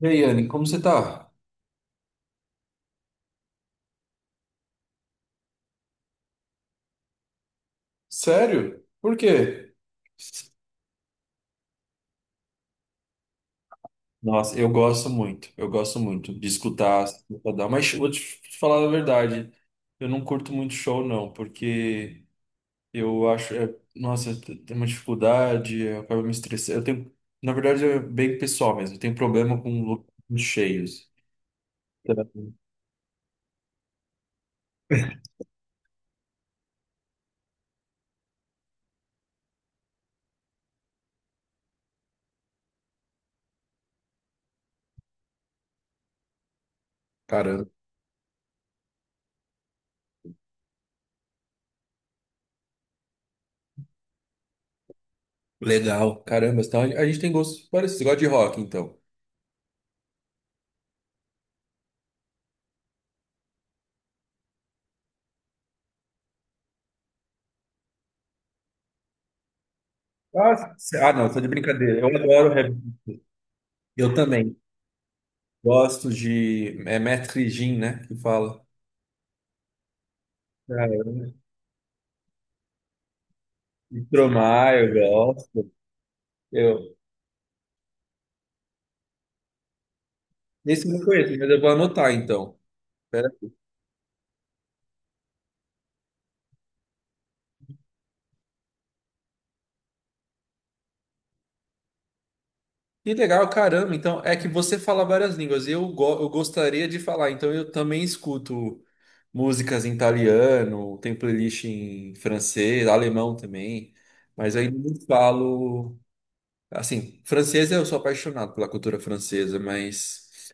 E aí, Anne, como você tá? Sério? Por quê? Nossa, eu gosto muito de escutar, dar, mas vou te falar a verdade, eu não curto muito show não, porque eu acho, nossa, eu tenho uma dificuldade, eu acabo me estressando, eu tenho, na verdade é bem pessoal mesmo, eu tenho problema com lugares muito cheios. Então. Caramba, legal, caramba, então a gente tem gostos parecidos, você gosta de rock então. Ah, não, só de brincadeira, eu adoro rap, eu também. Gosto de. É Maître Gin, né? Que fala. Caramba. E Tromar, eu gosto. Eu... Esse eu não conheço, mas eu vou anotar então. Pera. Que legal, caramba. Então, é que você fala várias línguas. Eu gostaria de falar, então eu também escuto músicas em italiano, tem playlist em francês, alemão também. Mas ainda não falo. Assim, francês eu sou apaixonado pela cultura francesa, mas.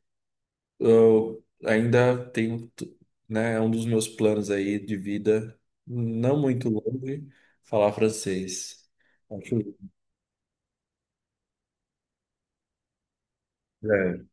Eu ainda tenho, t- Né, é um dos meus planos aí de vida, não muito longe, falar francês. Acho- É.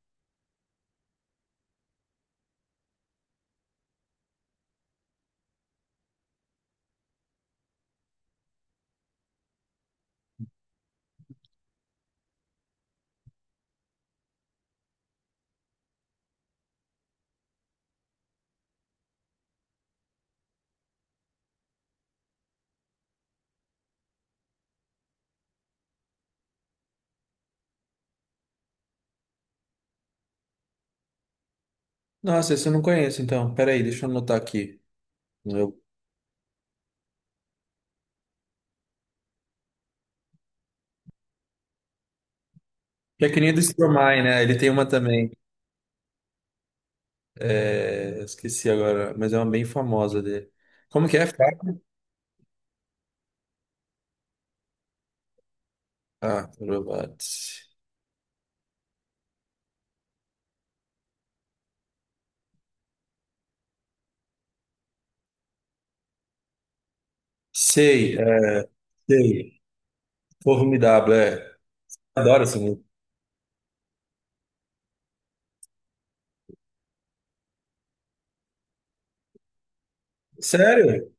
Nossa, esse eu não conheço, então. Peraí, deixa eu anotar aqui. Eu... Que é que nem do Stromae, né? Ele tem uma também. É, esqueci agora, mas é uma bem famosa dele. Como que é? Ah, Robots. Sei, sei. Formidável, é. Adoro essa música. Sério?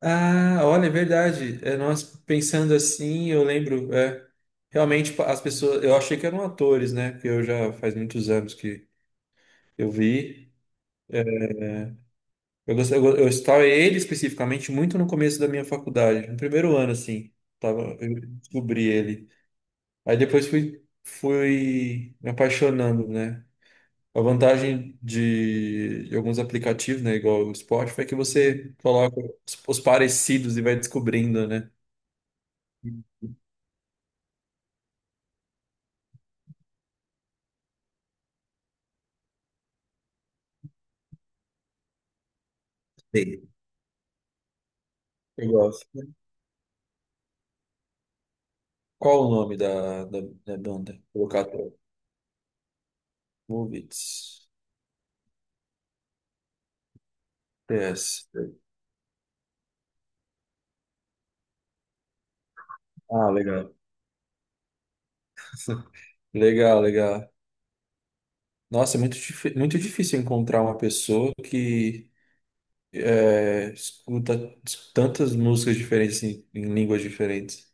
Ah, olha, é verdade. É, nós pensando assim, eu lembro, realmente as pessoas, eu achei que eram atores, né? Porque eu já faz muitos anos que eu vi. Eu gostei, eu estava ele especificamente muito no começo da minha faculdade, no primeiro ano assim, tava, eu descobri ele. Aí depois fui me apaixonando, né? A vantagem de alguns aplicativos, né, igual o Spotify, é que você coloca os parecidos e vai descobrindo, né? Sim. Eu gosto. Qual o nome da banda? Colocatório. Movits. PS. Ah, legal. Legal, legal. Nossa, é muito difícil encontrar uma pessoa que escuta tantas músicas diferentes em línguas diferentes.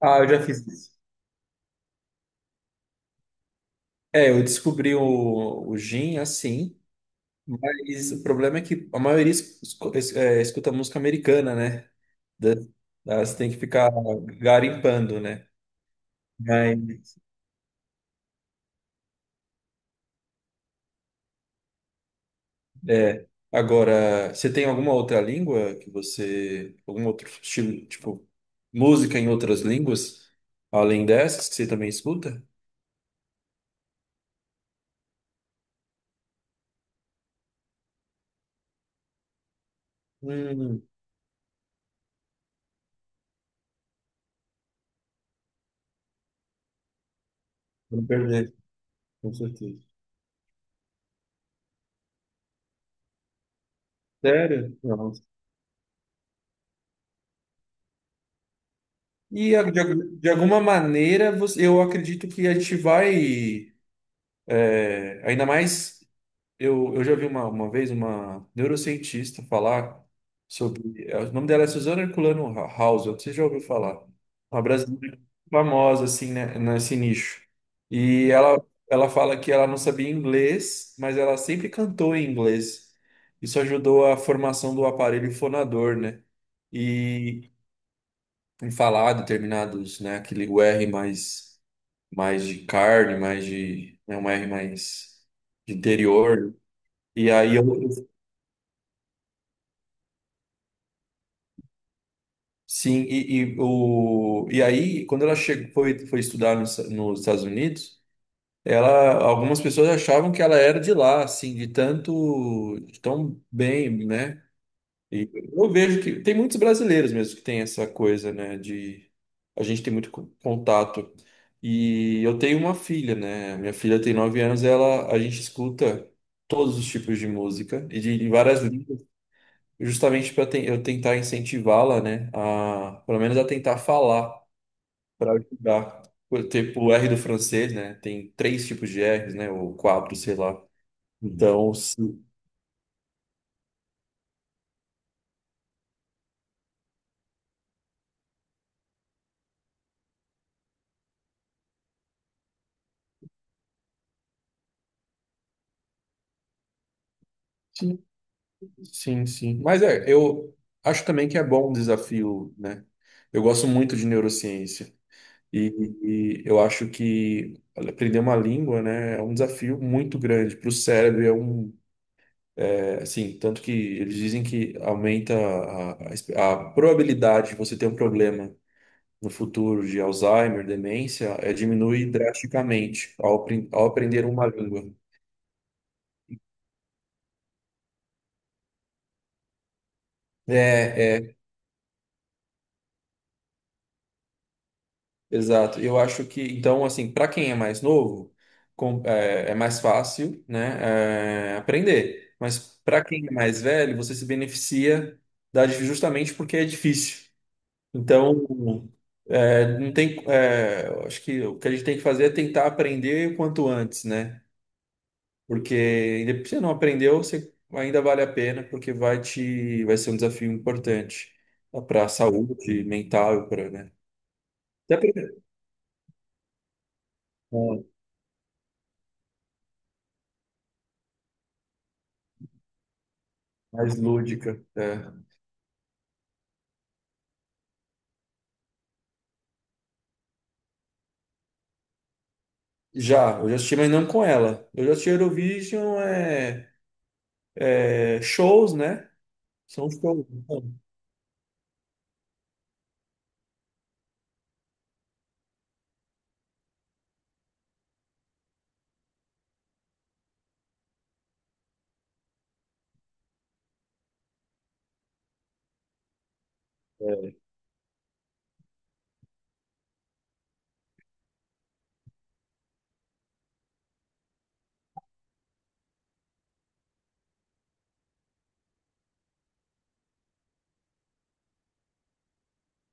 Ah, eu já fiz isso. É, eu descobri o Jim assim, mas o problema é que a maioria escuta música americana, né? Da- Elas têm que ficar garimpando, né? Mas é. Agora, você tem alguma outra língua que você. Algum outro estilo, tipo, música em outras línguas, além dessas, que você também escuta? Hum, Vou perder, com certeza. Sério? Nossa. E de alguma maneira, você- eu acredito que a gente vai, ainda mais. Eu já vi uma vez uma neurocientista falar sobre. O nome dela é Suzana Herculano House, você já ouviu falar? Uma brasileira famosa, assim, né, nesse nicho. E ela fala que ela não sabia inglês, mas ela sempre cantou em inglês. Isso ajudou a formação do aparelho fonador, né? E em falar determinados, né, aquele o R mais, mais de carne, mais de. Né, um R mais de interior. E aí eu sim, o, e aí, quando ela chegou, foi estudar nos Estados Unidos, ela, algumas pessoas achavam que ela era de lá, assim, de tanto, de tão bem, né? E eu vejo que tem muitos brasileiros mesmo que tem essa coisa, né? De a gente tem muito contato. E eu tenho uma filha, né? Minha filha tem 9 anos, ela, a gente escuta todos os tipos de música e de várias justamente para eu tentar incentivá-la, né, a pelo menos a tentar falar para ajudar. Tipo o R do francês, né? Tem três tipos de R's, né? Ou quatro, sei lá. Então, sim, sim, sim, sim. Mas é, eu acho também que é bom um desafio, né? Eu gosto muito de neurociência e, e eu acho que aprender uma língua, né, é um desafio muito grande para o cérebro. É um. Assim, tanto que eles dizem que aumenta a probabilidade de você ter um problema no futuro de Alzheimer, demência, diminui drasticamente ao aprender uma língua. É, é, exato. Eu acho que, então, assim, para quem é mais novo, é mais fácil, né, aprender. Mas para quem é mais velho, você se beneficia da, justamente porque é difícil. Então, não tem, eu acho que o que a gente tem que fazer é tentar aprender o quanto antes, né? Porque depois você não aprendeu, você ainda vale a pena, porque vai te, vai ser um desafio importante para a saúde mental, para, né? Até pra, é, mais lúdica. É. Já, eu já assisti, mas não com ela. Eu já assisti Eurovision, shows, né? São shows. Então.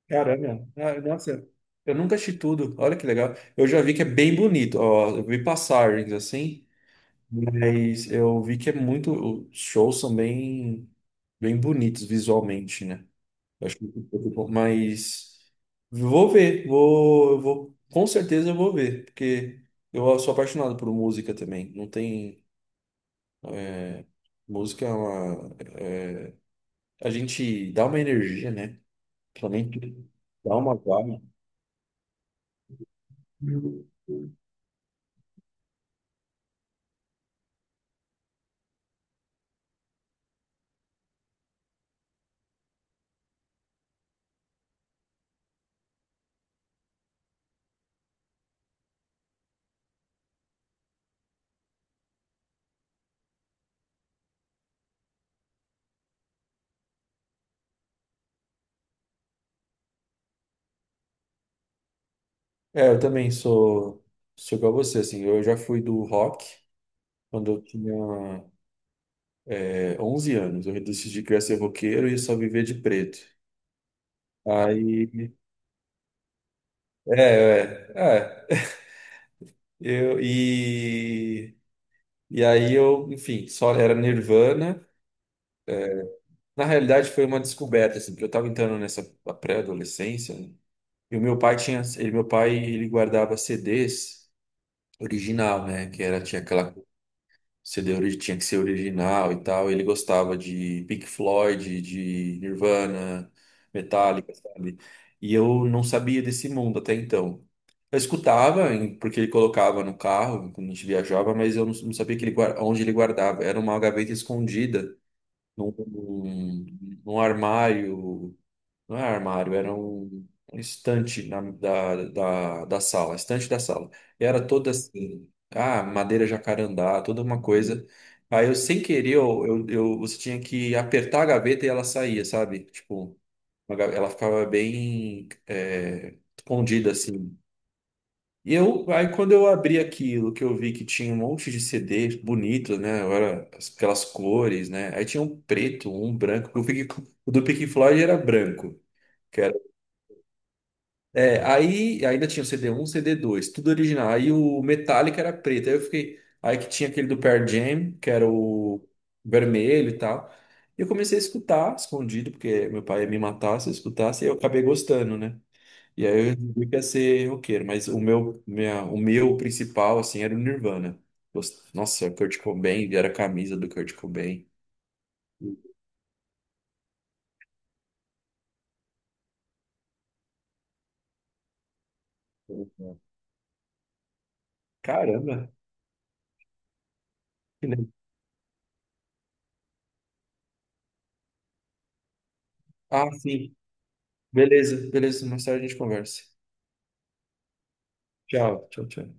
Caramba, ah, nossa, eu nunca assisti tudo. Olha que legal. Eu já vi que é bem bonito. Ó, eu vi passagens assim, mas eu vi que é muito. Os shows são bem, bem bonitos visualmente, né? Eu acho muito muito bom. Mas vou ver, vou, eu vou, com certeza eu vou ver, porque eu sou apaixonado por música também. Não tem música, é uma, a gente dá uma energia, né? Principalmente dá uma vibe. É, eu também sou, igual a você, assim, eu já fui do rock quando eu tinha 11 anos, eu decidi que eu ia ser roqueiro e só viver de preto. Aí, é, é, é, eu, e, e aí eu, enfim, só era Nirvana, na realidade foi uma descoberta, assim, porque eu tava entrando nessa pré-adolescência, né? E o meu pai tinha, ele, meu pai, ele guardava CDs original, né, que era, tinha aquela CD tinha que ser original e tal. Ele gostava de Pink Floyd, de Nirvana, Metallica, sabe? E eu não sabia desse mundo até então. Eu escutava, porque ele colocava no carro quando a gente viajava, mas eu não sabia que ele, onde ele guardava. Era uma gaveta escondida num armário, não é armário, era um, um estante da sala, estante da sala. E era toda assim, ah, madeira jacarandá, toda uma coisa. Aí eu, sem querer, você tinha que apertar a gaveta e ela saía, sabe? Tipo, ela ficava bem escondida assim. E eu, aí quando eu abri aquilo, que eu vi que tinha um monte de CD bonito, né? Era aquelas cores, né? Aí tinha um preto, um branco. Que Eu fiquei, o do Pink Floyd era branco. É, aí ainda tinha o CD 1, cd dois, tudo original. Aí o Metallica era preto. Aí eu fiquei. Aí que tinha aquele do Pearl Jam, que era o vermelho e tal. E eu comecei a escutar escondido, porque meu pai ia me matar se eu escutasse, e eu acabei gostando, né? E aí eu resolvi que ia ser roqueiro, mas o meu, minha, o meu principal, assim, era o Nirvana. Nossa, Kurt Cobain, era a camisa do Kurt Cobain. Caramba! Que legal. Ah, sim. Beleza, beleza. Mais tarde a gente conversa. Tchau, tchau, tchau.